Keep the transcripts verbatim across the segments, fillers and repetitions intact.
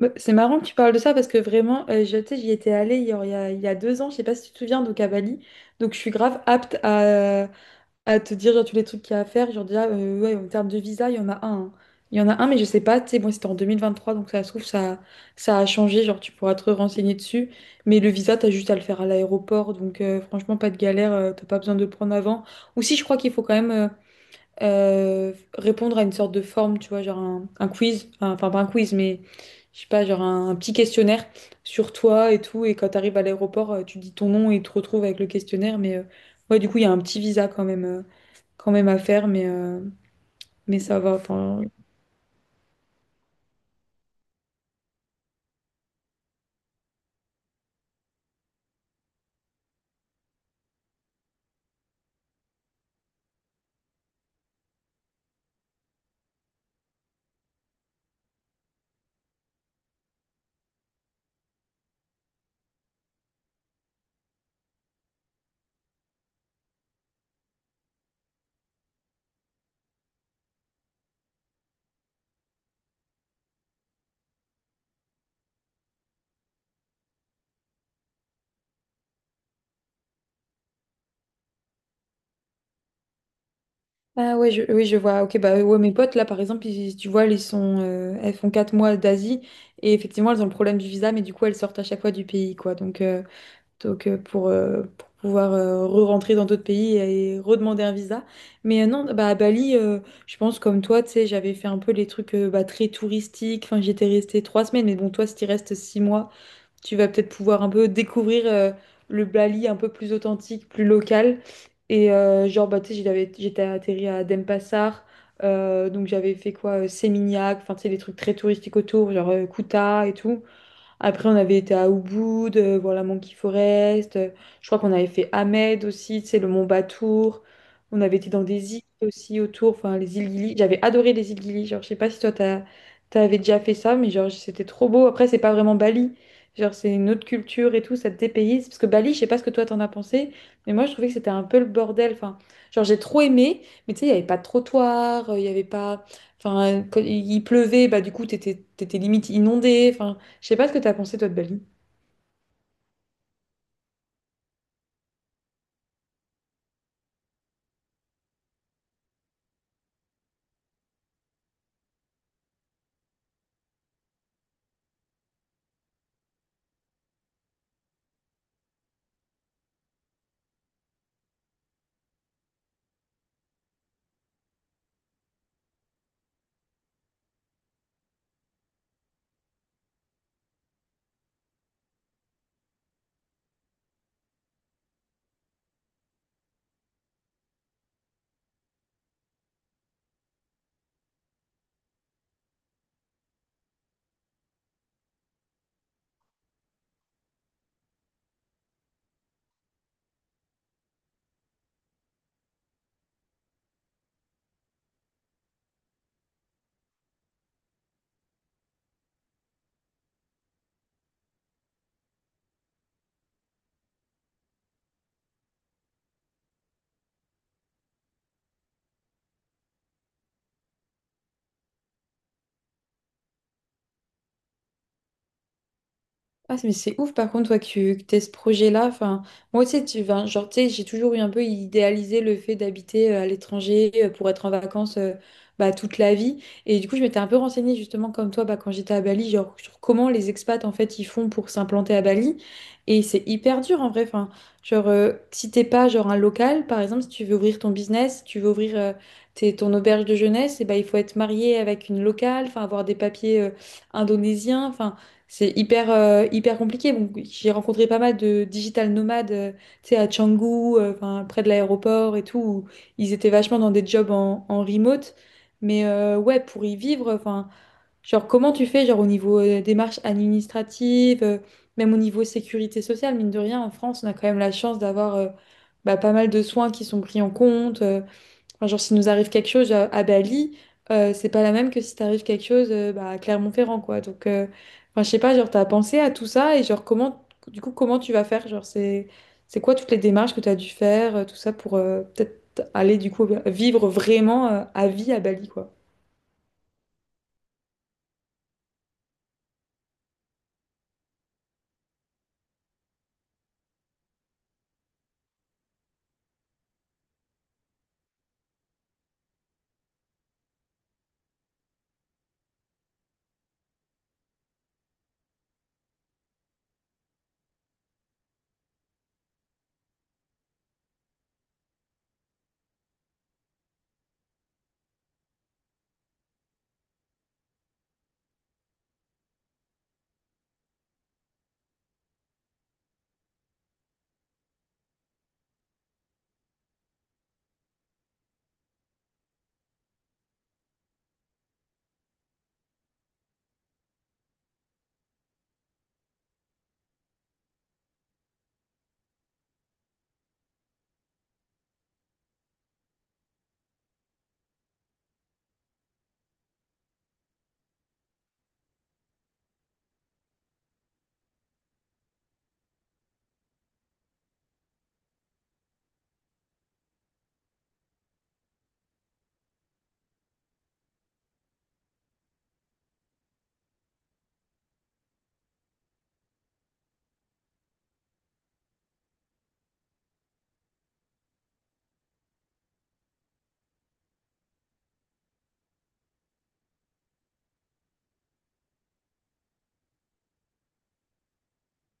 Bah, c'est marrant que tu parles de ça parce que vraiment, euh, je, tu sais, j'y étais allée il y a, il y a il y a deux ans, je sais pas si tu te souviens, donc à Bali. Donc je suis grave apte à, à te dire genre, tous les trucs qu'il y a à faire. Genre déjà, euh, ouais, en termes de visa, il y en a un, hein. Il y en a un, mais je sais pas, tu sais, moi c'était en deux mille vingt-trois, donc ça se trouve, ça, ça a changé, genre tu pourras te renseigner dessus. Mais le visa, t'as juste à le faire à l'aéroport, donc euh, franchement, pas de galère, euh, t'as pas besoin de le prendre avant. Ou si, je crois qu'il faut quand même euh, euh, répondre à une sorte de forme, tu vois, genre un, un quiz, enfin pas un quiz, mais je sais pas, genre un, un petit questionnaire sur toi et tout. Et quand tu arrives à l'aéroport, euh, tu dis ton nom et tu te retrouves avec le questionnaire. Mais euh, ouais, du coup, il y a un petit visa quand même, euh, quand même à faire, mais, euh, mais ça va. Enfin, ah ouais, je, oui, je vois. Ok, bah ouais, mes potes là, par exemple, ils- tu vois, elles sont, euh, elles font quatre mois d'Asie et effectivement, elles ont le problème du visa, mais du coup, elles sortent à chaque fois du pays, quoi. Donc. euh, Donc, euh, pour, euh, pour pouvoir euh, re-rentrer dans d'autres pays et redemander un visa. Mais euh, non, bah, à Bali, euh, je pense comme toi, tu sais, j'avais fait un peu les trucs euh, bah, très touristiques. Enfin, j'étais restée trois semaines. Mais bon, toi, si tu restes six mois, tu vas peut-être pouvoir un peu découvrir euh, le Bali un peu plus authentique, plus local. Et euh, genre, bah, tu sais, j'avais- j'étais atterri à Denpasar. Euh, donc, j'avais fait quoi? euh, Seminyak, enfin, tu sais, les trucs très touristiques autour, genre euh, Kuta et tout. Après, on avait été à Ubud, euh, voir la Monkey Forest. Euh, je crois qu'on avait fait Ahmed aussi, c'est le Mont Batour. On avait été dans des îles aussi autour, enfin les îles Gili. J'avais adoré les îles Gili. Genre, je sais pas si toi, t'as, t'avais déjà fait ça, mais genre, c'était trop beau. Après, c'est pas vraiment Bali. Genre, c'est une autre culture et tout, ça te dépayse. Parce que Bali, je sais pas ce que toi, t'en as pensé, mais moi, je trouvais que c'était un peu le bordel. Enfin, genre, j'ai trop aimé, mais tu sais, il y avait pas de trottoir, euh, il y avait pas. Enfin, quand il pleuvait, bah, du coup, t'étais, t'étais limite inondé. Je sais pas ce que t'as pensé, toi, de Bali. Ah, mais c'est ouf, par contre, toi, que, que t'aies ce projet-là. Enfin, moi aussi, tu, enfin, genre, tu sais, j'ai toujours eu un peu idéalisé le fait d'habiter euh, à l'étranger euh, pour être en vacances euh, bah, toute la vie. Et du coup, je m'étais un peu renseignée, justement, comme toi, bah, quand j'étais à Bali, genre, sur comment les expats, en fait, ils font pour s'implanter à Bali. Et c'est hyper dur, en vrai. Enfin, genre, euh, si t'es pas, genre, un local, par exemple, si tu veux ouvrir ton business, si tu veux ouvrir euh, tes- ton auberge de jeunesse, et bah, il faut être marié avec une locale, enfin, avoir des papiers euh, indonésiens. Enfin, c'est hyper, euh, hyper compliqué. Bon, j'ai rencontré pas mal de digital nomades, euh, tu sais, à Canggu, euh, enfin, près de l'aéroport et tout, où ils étaient vachement dans des jobs en, en remote. Mais euh, ouais, pour y vivre, enfin, genre, comment tu fais, genre, au niveau euh, des démarches administratives, euh, même au niveau sécurité sociale, mine de rien, en France, on a quand même la chance d'avoir euh, bah, pas mal de soins qui sont pris en compte. euh, Enfin, genre, s'il nous arrive quelque chose à, à Bali, euh, c'est pas la même que si t'arrive quelque chose euh, bah, à Clermont-Ferrand, quoi. Donc, euh, enfin, je sais pas, genre, t'as pensé à tout ça et genre, comment, du coup, comment tu vas faire? Genre, c'est, c'est quoi toutes les démarches que t'as dû faire, euh, tout ça, pour euh, peut-être aller, du coup, vivre vraiment euh, à vie à Bali, quoi.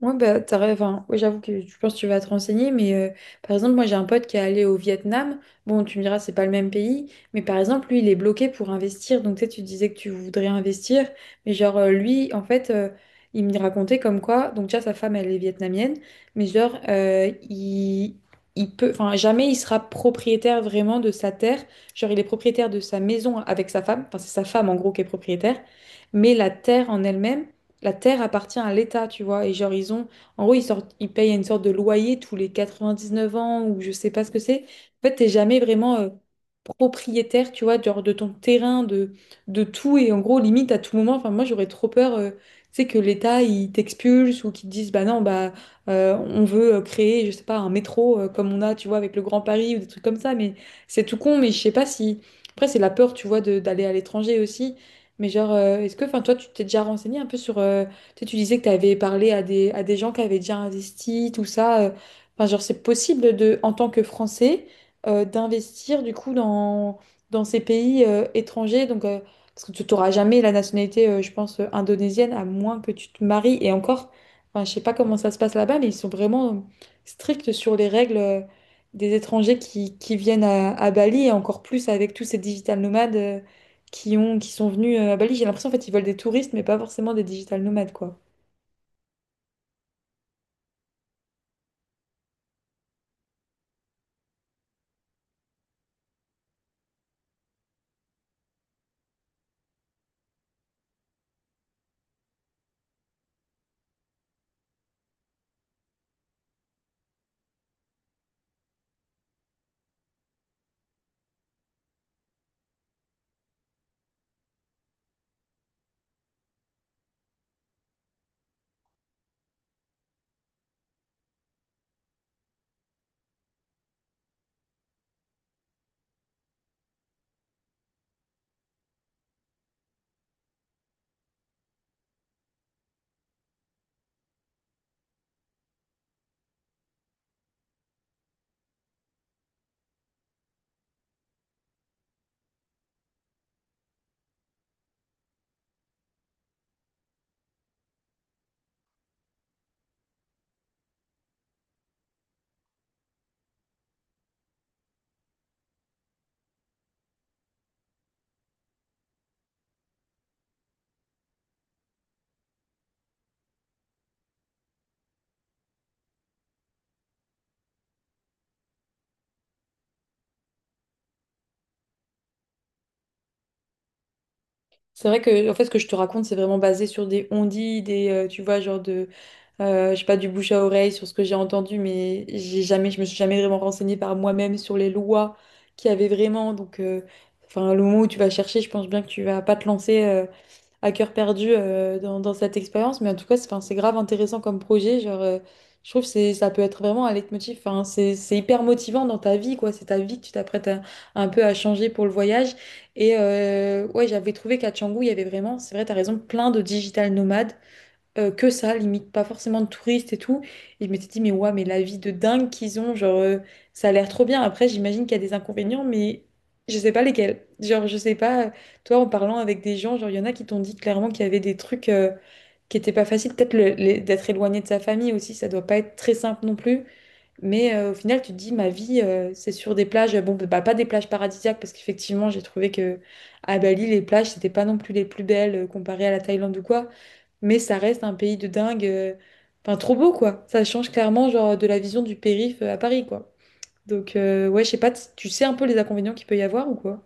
Ouais, bah, t'as ra- enfin, ouais, j'avoue que je pense que tu vas te renseigner, mais euh, par exemple, moi j'ai un pote qui est allé au Vietnam. Bon, tu me diras, c'est pas le même pays, mais par exemple, lui, il est bloqué pour investir. Donc, tu sais, tu disais que tu voudrais investir, mais genre, euh, lui, en fait, euh, il me racontait comme quoi, donc déjà, sa femme, elle est vietnamienne, mais genre, euh, il, il peut, enfin, jamais il sera propriétaire vraiment de sa terre. Genre, il est propriétaire de sa maison avec sa femme, enfin, c'est sa femme en gros qui est propriétaire, mais la terre en elle-même la terre appartient à l'État, tu vois. Et genre, ils ont, en gros, ils sortent, ils payent une sorte de loyer tous les quatre-vingt-dix-neuf ans ou je sais pas ce que c'est. En fait, t'es jamais vraiment euh, propriétaire, tu vois, genre de ton terrain, de, de tout. Et en gros, limite, à tout moment, enfin, moi, j'aurais trop peur, euh, tu sais, que l'État, il t'expulse ou qu'il te dise, bah non, bah, euh, on veut euh, créer, je sais pas, un métro euh, comme on a, tu vois, avec le Grand Paris ou des trucs comme ça. Mais c'est tout con, mais je sais pas si. Après, c'est la peur, tu vois, de- d'aller à l'étranger aussi. Mais genre, euh, est-ce que, enfin, toi, tu t'es déjà renseigné un peu sur... euh, tu sais, tu disais que tu avais parlé à des, à des gens qui avaient déjà investi, tout ça. euh, Enfin, genre, c'est possible de, en tant que Français, euh, d'investir du coup dans, dans ces pays euh, étrangers. Donc, euh, parce que tu n'auras jamais la nationalité, euh, je pense, euh, indonésienne, à moins que tu te maries. Et encore, enfin, je sais pas comment ça se passe là-bas, mais ils sont vraiment euh, stricts sur les règles euh, des étrangers qui, qui viennent à, à Bali, et encore plus avec tous ces digital nomades, euh, qui ont, qui sont venus euh, à Bali. J'ai l'impression, en fait, ils veulent des touristes, mais pas forcément des digital nomades, quoi. C'est vrai que en fait ce que je te raconte c'est vraiment basé sur des on-dit, des euh, tu vois genre de euh, je sais pas du bouche à oreille sur ce que j'ai entendu mais j'ai jamais je me suis jamais vraiment renseignée par moi-même sur les lois qu'il y avait vraiment donc euh, enfin le moment où tu vas chercher je pense bien que tu vas pas te lancer euh, à cœur perdu euh, dans, dans cette expérience mais en tout cas c'est enfin, c'est grave intéressant comme projet genre euh, je trouve que c'est ça peut être vraiment un leitmotiv enfin c'est c'est hyper motivant dans ta vie quoi c'est ta vie que tu t'apprêtes à- un peu à changer pour le voyage et euh, ouais, j'avais trouvé qu'à Canggu, il y avait vraiment, c'est vrai, t'as raison, plein de digital nomades, euh, que ça, limite, pas forcément de touristes et tout. Et je m'étais dit, mais ouais, mais la vie de dingue qu'ils ont, genre, euh, ça a l'air trop bien. Après, j'imagine qu'il y a des inconvénients, mais je sais pas lesquels. Genre, je sais pas, toi, en parlant avec des gens, genre, il y en a qui t'ont dit clairement qu'il y avait des trucs euh, qui étaient pas faciles. Peut-être le- les- d'être éloigné de sa famille aussi, ça doit pas être très simple non plus. Mais euh, au final, tu te dis, ma vie, euh, c'est sur des plages, bon, bah, pas des plages paradisiaques, parce qu'effectivement, j'ai trouvé que à Bali, les plages, c'était pas non plus les plus belles euh, comparées à la Thaïlande ou quoi, mais ça reste un pays de dingue, euh, enfin, trop beau, quoi. Ça change clairement, genre, de la vision du périph' euh, à Paris, quoi. Donc, euh, ouais, je sais pas, t- tu sais un peu les inconvénients qu'il peut y avoir ou quoi?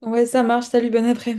Ouais, ça marche, salut, bon après